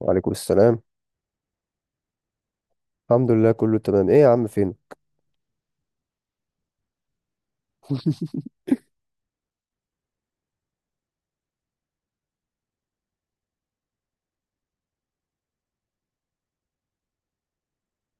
وعليكم السلام. الحمد لله، كله تمام. ايه يا عم، فين؟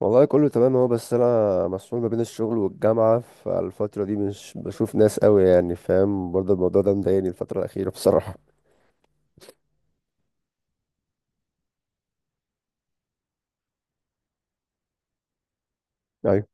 والله كله تمام اهو، بس انا مسحول ما بين الشغل والجامعة، فالفترة دي مش بشوف ناس قوي، يعني فاهم؟ برضه الموضوع ده مضايقني الفترة الأخيرة بصراحة. ايوه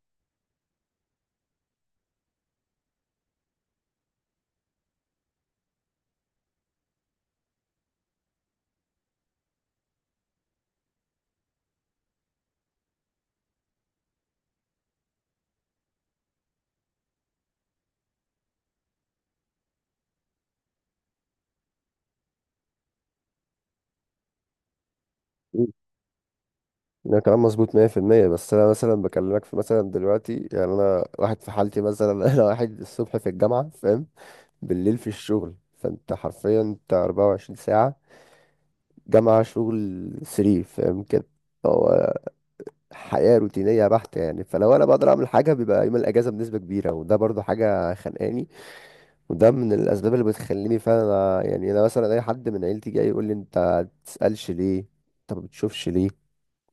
مم. ده كلام مظبوط 100%، بس انا مثلا بكلمك في مثلا دلوقتي، يعني انا واحد في حالتي مثلا. انا واحد الصبح في الجامعة، فاهم؟ بالليل في الشغل، فانت حرفيا انت 24 ساعة، جامعة شغل 3، فاهم كده؟ هو حياة روتينية بحتة يعني، فلو انا بقدر اعمل حاجة بيبقى يوم الاجازة بنسبة كبيرة، وده برضو حاجة خانقاني. وده من الاسباب اللي بتخليني فعلا يعني انا مثلا اي حد من عيلتي جاي يقول لي: انت تسألش ليه؟ انت ما بتشوفش ليه؟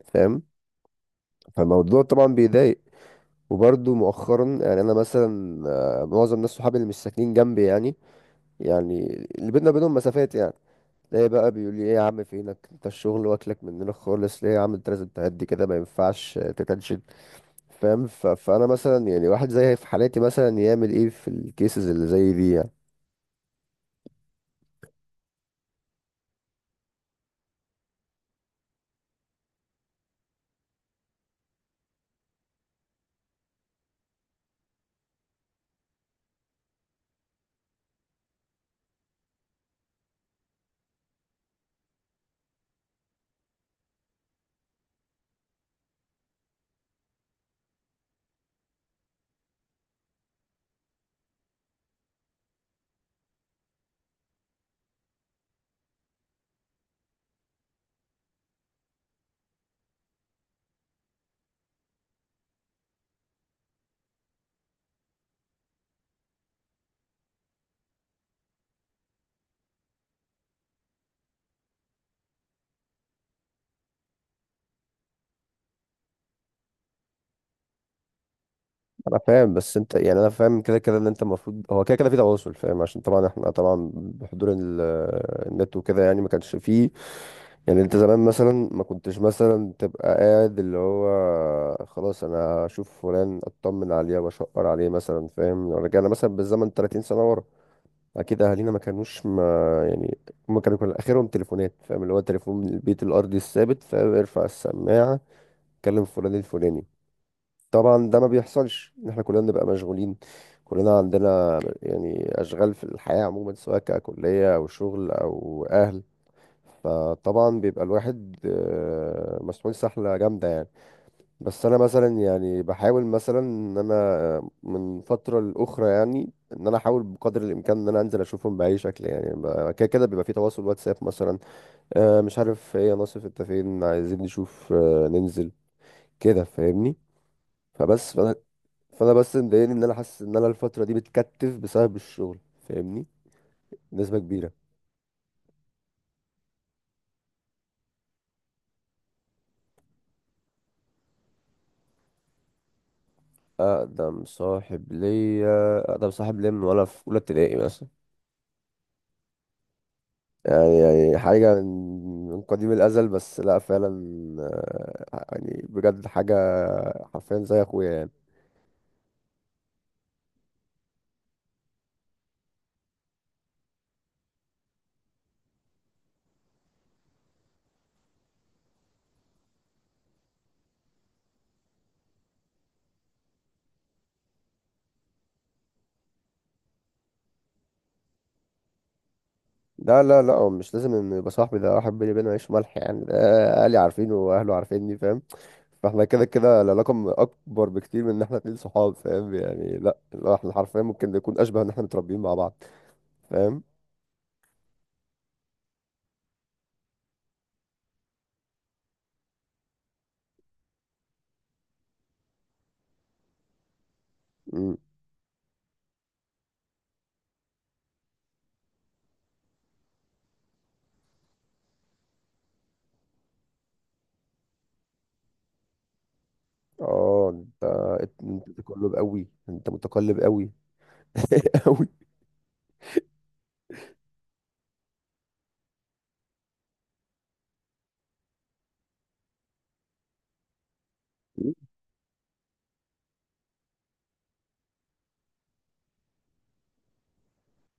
فاهم؟ فالموضوع طبعا بيضايق. وبرضو مؤخرا يعني انا مثلا معظم الناس صحابي اللي مش ساكنين جنبي يعني، يعني اللي بينا بينهم مسافات يعني، ليه بقى بيقول لي: ايه يا عم فينك، انت الشغل واكلك مننا خالص، ليه يا عم انت لازم تهدي كده، ما ينفعش تتنشن. فاهم؟ فانا مثلا يعني واحد زي في حالاتي مثلا يعمل ايه في الكيسز اللي زي دي يعني؟ انا فاهم، بس انت يعني انا فاهم كده كده ان انت المفروض هو كده كده في تواصل، فاهم؟ عشان طبعا احنا طبعا بحضور النت وكده، يعني ما كانش فيه. يعني انت زمان مثلا ما كنتش مثلا تبقى قاعد اللي هو: خلاص انا اشوف فلان اطمن عليه واشقر عليه مثلا، فاهم؟ لو رجعنا مثلا بالزمن 30 سنة ورا اكيد اهالينا ما كانوش ما، يعني هم كانوا كل اخرهم تليفونات، فاهم؟ اللي هو تليفون البيت الارضي الثابت، فاهم؟ ارفع السماعه كلم فلان الفلاني. طبعا ده ما بيحصلش ان احنا كلنا بنبقى مشغولين، كلنا عندنا يعني اشغال في الحياه عموما، سواء ككليه او شغل او اهل، فطبعا بيبقى الواحد مسحول سحله جامده يعني. بس انا مثلا يعني بحاول مثلا ان انا من فتره لاخرى، يعني ان انا احاول بقدر الامكان ان انا انزل اشوفهم باي شكل يعني، كده كده بيبقى في تواصل واتساب مثلا، مش عارف ايه يا ناصف انت فين، عايزين نشوف، ننزل كده، فاهمني؟ فبس فانا، فانا بس مضايقني ان انا حاسس ان انا الفتره دي بتكتف بسبب الشغل، فاهمني؟ نسبه كبيره. اقدم صاحب ليا، اقدم صاحب ليا من وانا في اولى ابتدائي مثلا، يعني حاجة من قديم الأزل، بس لا فعلا يعني بجد حاجة حرفيا زي أخويا يعني. لا لا لا، هو مش لازم إن يبقى صاحبي، ده واحد بيني وبينه عيش ملح، يعني ده أهلي عارفينه وأهله عارفيني، فاهم؟ فاحنا كده كده العلاقة أكبر بكتير من إن احنا اتنين صحاب، فاهم؟ يعني لا لا، احنا حرفيا ممكن نكون أشبه إن احنا متربيين مع بعض، فاهم؟ مم. اه انت متقلب قوي، انت متقلب قوي. قوي.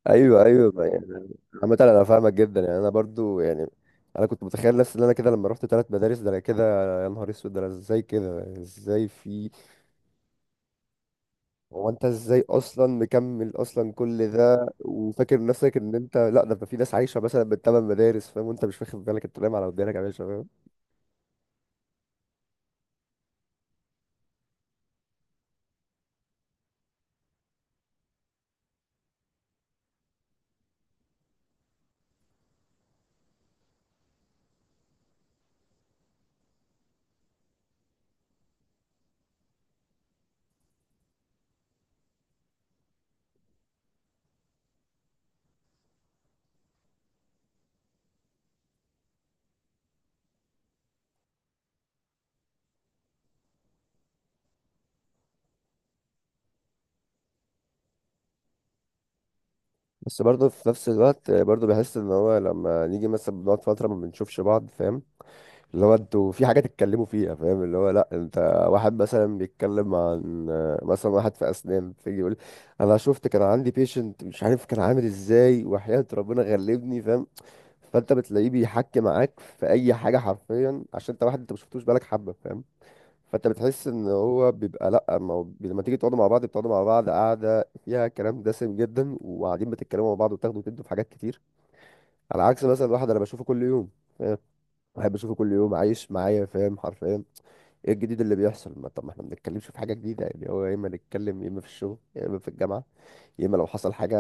ايوه ايوه، ما- يعني عامة انا فاهمك جدا، يعني انا برضو يعني انا كنت متخيل نفسي ان انا كده لما رحت ثلاث مدارس، ده انا كده: يا نهار اسود، ده انا ازاي كده، ازاي في؟ هو انت ازاي اصلا مكمل اصلا كل ده وفاكر نفسك ان انت لا، ده في ناس عايشه مثلا بالثمان مدارس، فاهم؟ وانت مش واخد بالك، انت نايم على ودانك يا باشا، فاهم؟ بس برضو في نفس الوقت برضو بحس ان هو لما نيجي مثلا بنقعد فتره ما بنشوفش بعض، فاهم؟ اللي هو انتوا في حاجة تتكلموا فيها، فاهم؟ اللي هو لا انت واحد مثلا بيتكلم عن مثلا واحد في اسنان فيجي يقول: انا شفت كان عندي بيشنت مش عارف كان عامل ازاي، وحياة ربنا غلبني، فاهم؟ فانت بتلاقيه بيحكي معاك في اي حاجة حرفيا، عشان انت واحد انت ما شفتوش بقالك حبة، فاهم؟ فانت بتحس ان هو بيبقى لا، ما هو لما تيجي تقعدوا مع بعض بتقعدوا مع بعض قاعدة فيها كلام دسم جدا، وقاعدين بتتكلموا مع بعض وتاخدوا وتدوا في حاجات كتير. على عكس مثلا واحد انا بشوفه كل يوم، بحب اشوفه كل يوم عايش معايا، فاهم حرفيا؟ ايه الجديد اللي بيحصل؟ ما طب ما احنا ما بنتكلمش في حاجه جديده يعني، هو يا اما نتكلم يا اما في الشغل يا اما في الجامعه، يا اما لو حصل حاجه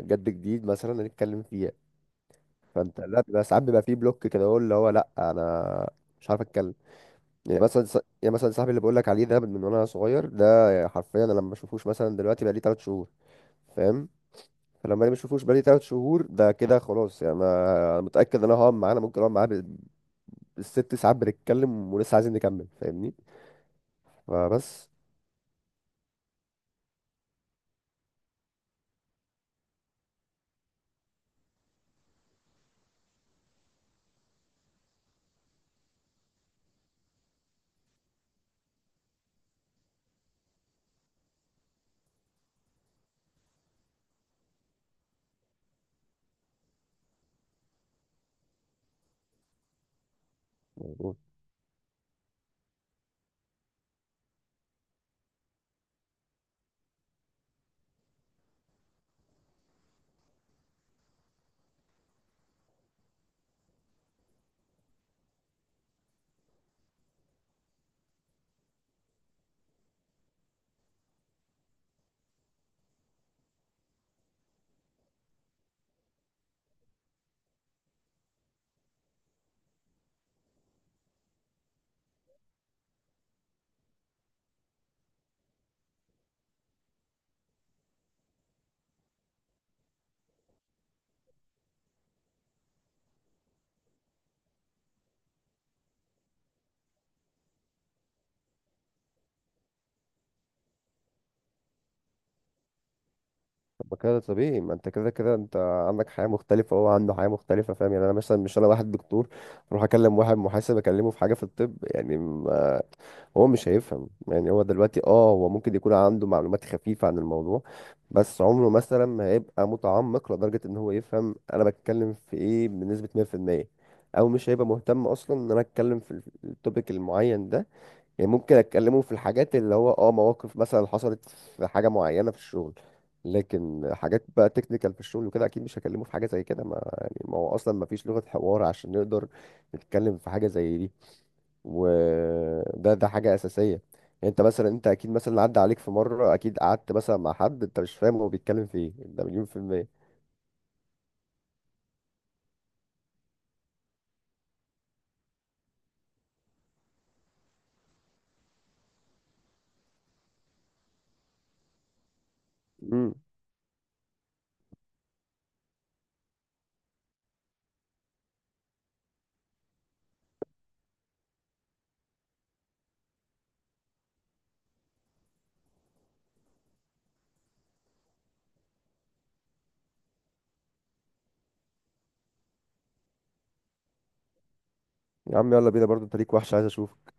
جد جديد مثلا نتكلم فيها. فانت لا بيبقى ساعات بيبقى فيه بلوك كده، هو اللي هو: لا انا مش عارف اتكلم. يعني مثلا يعني مثلا صاحبي اللي بقول لك عليه ده من وانا صغير ده، حرفيا انا لما اشوفوش مثلا دلوقتي بقى لي 3 شهور، فاهم؟ فلما انا ما اشوفوش بقالي 3 شهور ده كده خلاص، يعني انا متاكد ان انا هقعد معاه، انا ممكن اقعد معاه الست ساعات بنتكلم ولسه عايزين نكمل، فاهمني؟ فبس الموضوع. طب ما كده طبيعي، ما انت كده كده انت عندك حياة مختلفة وهو عنده حياة مختلفة، فاهم؟ يعني انا مثلا مش، انا واحد دكتور اروح اكلم واحد محاسب اكلمه في حاجة في الطب، يعني هو مش هيفهم. يعني هو دلوقتي اه هو ممكن يكون عنده معلومات خفيفة عن الموضوع، بس عمره مثلا ما هيبقى متعمق لدرجة ان هو يفهم انا بتكلم في ايه بنسبة 100%، او مش هيبقى مهتم اصلا ان انا اتكلم في التوبيك المعين ده. يعني ممكن اتكلموا في الحاجات اللي هو اه مواقف مثلا حصلت في حاجه معينه في الشغل، لكن حاجات بقى تكنيكال في الشغل وكده اكيد مش هكلمه في حاجه زي كده، ما يعني ما هو اصلا ما فيش لغه حوار عشان نقدر نتكلم في حاجه زي دي. وده ده حاجه اساسيه. يعني انت مثلا انت اكيد مثلا عدى عليك في مره اكيد قعدت مثلا مع حد انت مش فاهم هو بيتكلم في ايه، ده مليون في الميه. امم يا عم يلا بينا برضه، انت ليك وحش، عايز اشوف.